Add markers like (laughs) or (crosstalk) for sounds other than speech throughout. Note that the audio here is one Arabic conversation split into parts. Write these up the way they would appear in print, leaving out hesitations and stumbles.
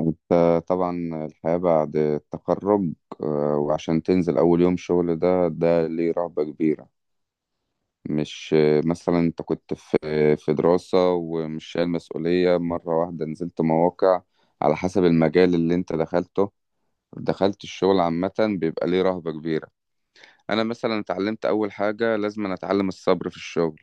انت طبعا الحياة بعد التخرج وعشان تنزل أول يوم شغل ده ليه رهبة كبيرة. مش مثلا انت كنت في دراسة ومش شايل مسؤولية، مرة واحدة نزلت مواقع على حسب المجال اللي انت دخلته، دخلت الشغل عامة. بيبقى ليه رهبة كبيرة. أنا مثلا اتعلمت أول حاجة لازم أنا أتعلم الصبر في الشغل.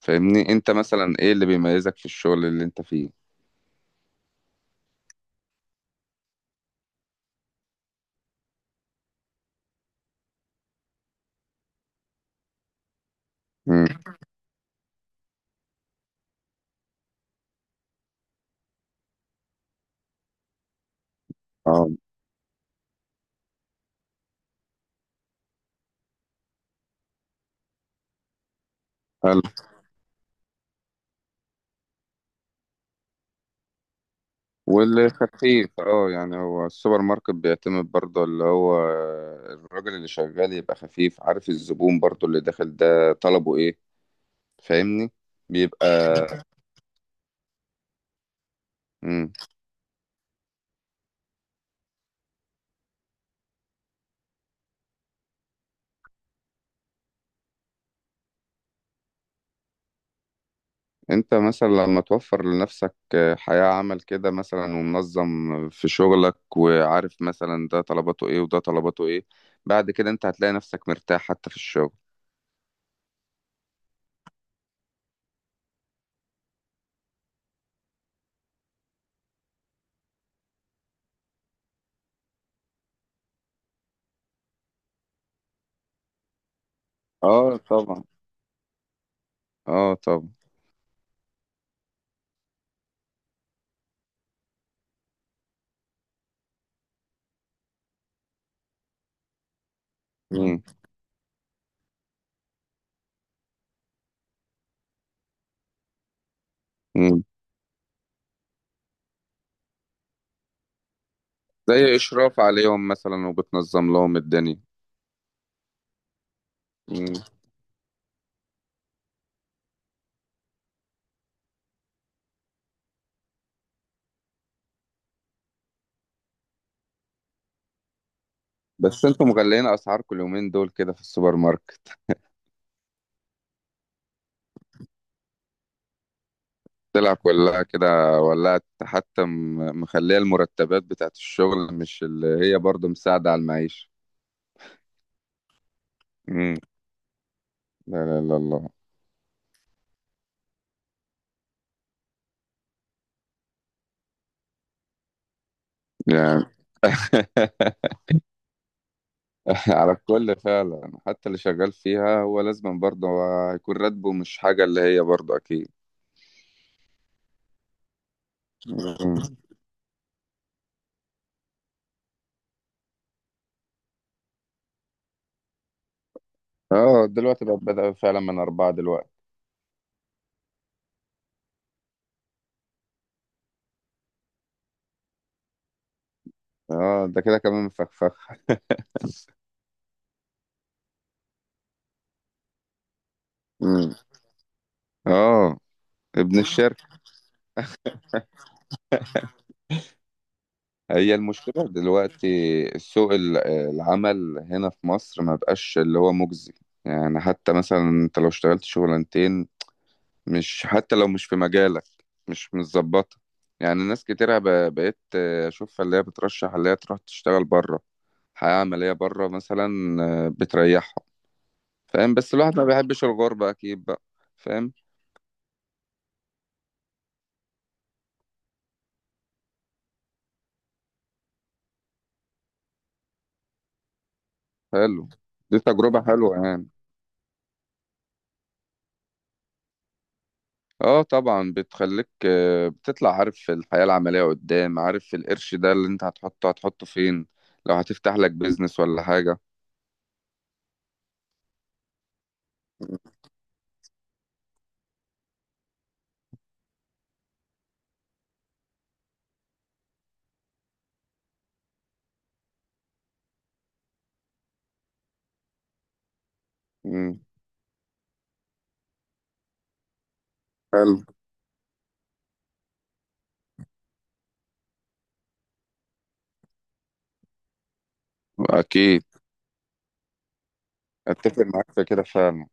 فاهمني، انت مثلا ايه اللي بيميزك في الشغل اللي انت فيه؟ مم. اه، والخفيف اه، يعني هو السوبر ماركت بيعتمد برضه اللي هو الراجل اللي شغال يبقى خفيف، عارف الزبون برضه اللي داخل ده طلبه ايه. فاهمني. بيبقى. مم. انت مثلا لما توفر لنفسك حياة عمل كده مثلا، ومنظم في شغلك، وعارف مثلا ده طلباته ايه وده طلباته ايه، بعد كده انت هتلاقي نفسك مرتاح حتى في الشغل. اه طبعا. اه طبعا. مم. مم. زي اشراف عليهم مثلا وبتنظم لهم الدنيا. بس انتوا مغلين اسعاركم اليومين دول كده في السوبر ماركت؟ طلع كلها كده. ولا حتى مخليه المرتبات بتاعت الشغل مش اللي هي برضو مساعدة على المعيشة. امم. لا لا لا، الله. يعني (laughs) على الكل فعلا، حتى اللي شغال فيها هو لازم برضه هو هيكون راتبه مش حاجة اللي هي برضه أكيد. مم. اه، دلوقتي بقت بدأ فعلا من أربعة دلوقتي. اه، ده كده كمان مفخفخ. مم. اه. ابن الشركة. هي المشكلة دلوقتي سوق العمل هنا في مصر ما بقاش اللي هو مجزي. يعني حتى مثلا انت لو اشتغلت شغلانتين، مش حتى لو مش في مجالك، مش متظبطة. يعني ناس كتيرة بقيت اشوفها اللي هي بترشح اللي هي تروح تشتغل بره، حياة عملية بره مثلا، بتريحها. فاهم، بس الواحد ما بيحبش الغربة اكيد بقى. فاهم. حلو. دي تجربة حلوة يعني. اه طبعا، بتخليك بتطلع عارف في الحياة العملية قدام، عارف القرش ده اللي انت هتحطه هتحطه فين، لو هتفتح لك بيزنس ولا حاجة. مم. حلو. اكيد. اتفق معاك في كده فعلا.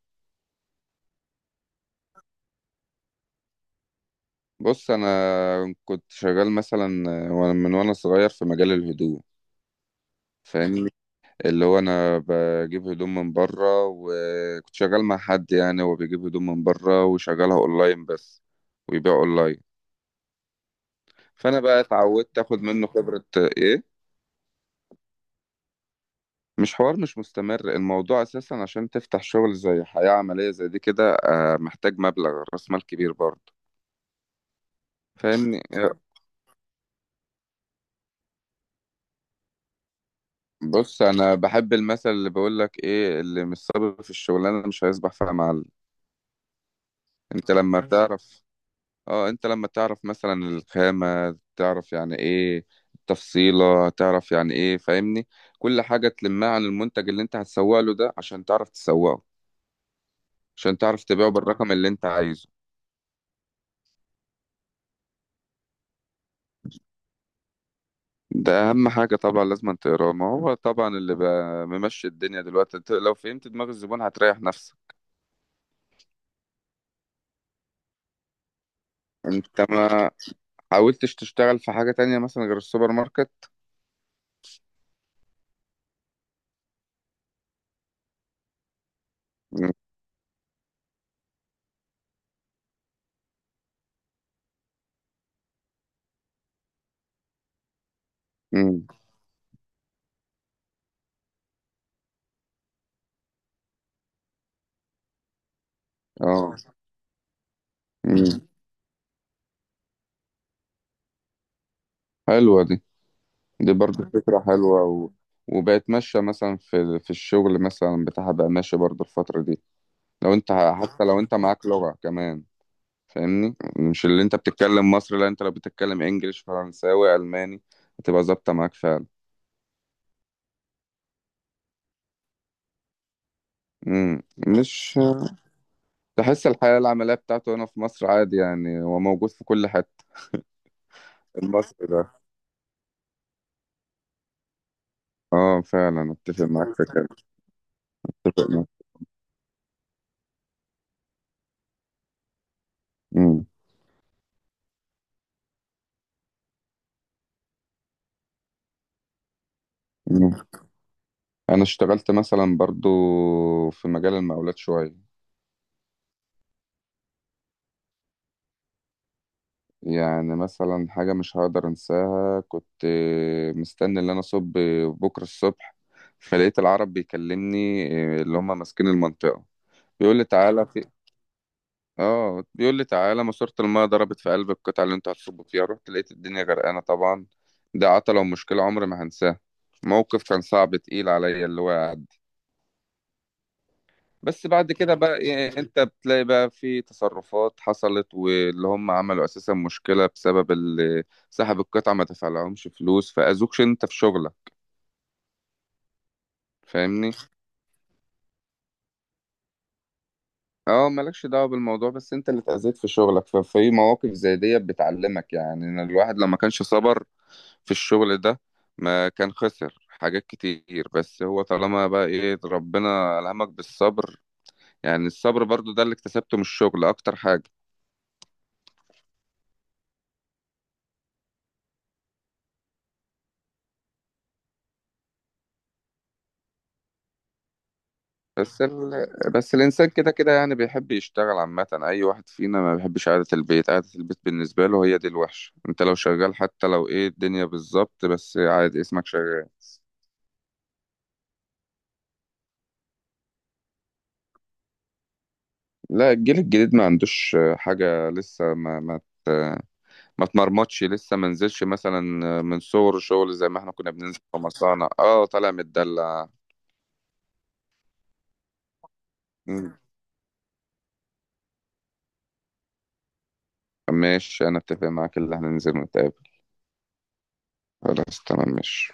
بص انا كنت شغال مثلا من وانا صغير في مجال الهدوم. فاهمني. اللي هو انا بجيب هدوم من بره، وكنت شغال مع حد يعني هو بيجيب هدوم من بره وشغلها اونلاين بس، ويبيع اونلاين. فانا بقى اتعودت اخد منه خبرة ايه. مش حوار، مش مستمر الموضوع اساسا. عشان تفتح شغل زي حياة عملية زي دي كده محتاج مبلغ راس مال كبير برضه. فاهمني (laughs) بص انا بحب المثل اللي بيقول لك ايه: اللي مش صابر في الشغلانة مش هيصبح فيها معلم. انت لما بتعرف اه انت لما تعرف مثلا الخامة تعرف يعني ايه، التفصيلة تعرف يعني ايه، فاهمني، كل حاجة تلمها عن المنتج اللي انت هتسوق له ده عشان تعرف تسوقه، عشان تعرف تبيعه بالرقم اللي انت عايزه. ده اهم حاجه طبعا، لازم تقراه. ما هو طبعا اللي بقى ممشي الدنيا دلوقتي انت لو فهمت دماغ الزبون هتريح نفسك. انت ما حاولتش تشتغل في حاجه تانية مثلا غير السوبر ماركت؟ مم. مم. اه. مم. حلوه دي برضو فكره حلوه وبقت ماشيه مثلا في الشغل مثلا بتاعها، بقى ماشي برضو الفتره دي. لو انت معاك لغه كمان، فاهمني، مش اللي انت بتتكلم مصري، لا انت لو بتتكلم انجليش فرنساوي الماني هتبقى ظابطه معاك فعلا. مم. مش تحس الحياة العملية بتاعته هنا في مصر عادي يعني هو موجود في كل حتة. المصري ده اه فعلا اتفق معاك في كده. اتفق معاك. مم. مم. انا اشتغلت مثلا برضو في مجال المقاولات شوية. يعني مثلا حاجة مش هقدر انساها، كنت مستني ان انا اصب بكرة الصبح، فلقيت العرب بيكلمني اللي هم ماسكين المنطقة، بيقول لي تعالى في اه بيقول لي تعالى ماسورة المايه ضربت في قلب القطعة اللي انتوا هتصبوا فيها، رحت لقيت الدنيا غرقانة طبعا. ده عطلة ومشكلة عمري ما هنساه، موقف كان صعب تقيل عليا اللي هو قعد. بس بعد كده بقى انت بتلاقي بقى في تصرفات حصلت واللي هم عملوا اساسا مشكلة بسبب اللي سحب القطعة، ما دفعلهمش فلوس، فأذوكش انت في شغلك. فاهمني. اه، مالكش دعوة بالموضوع بس انت اللي اتأذيت في شغلك. ففي مواقف زي دي بتعلمك يعني إن الواحد لما كانش صبر في الشغل ده ما كان خسر حاجات كتير، بس هو طالما بقى ايه ربنا ألهمك بالصبر. يعني الصبر برضو ده اللي اكتسبته من الشغل اكتر حاجة. بس ال... بس الانسان كده كده يعني بيحب يشتغل عامة، اي واحد فينا ما بيحبش قعدة البيت، قعدة البيت بالنسبة له هي دي الوحشة. انت لو شغال حتى لو ايه الدنيا بالظبط بس عادي اسمك شغال. لا الجيل الجديد ما عندوش حاجة لسه ما اتمرمطش لسه، ما نزلش مثلا من صور شغل زي ما احنا كنا بننزل في مصانع. اه طالع متدلع. مم. ماشي انا اتفق معاك، اللي هننزل نتقابل. خلاص تمام ماشي.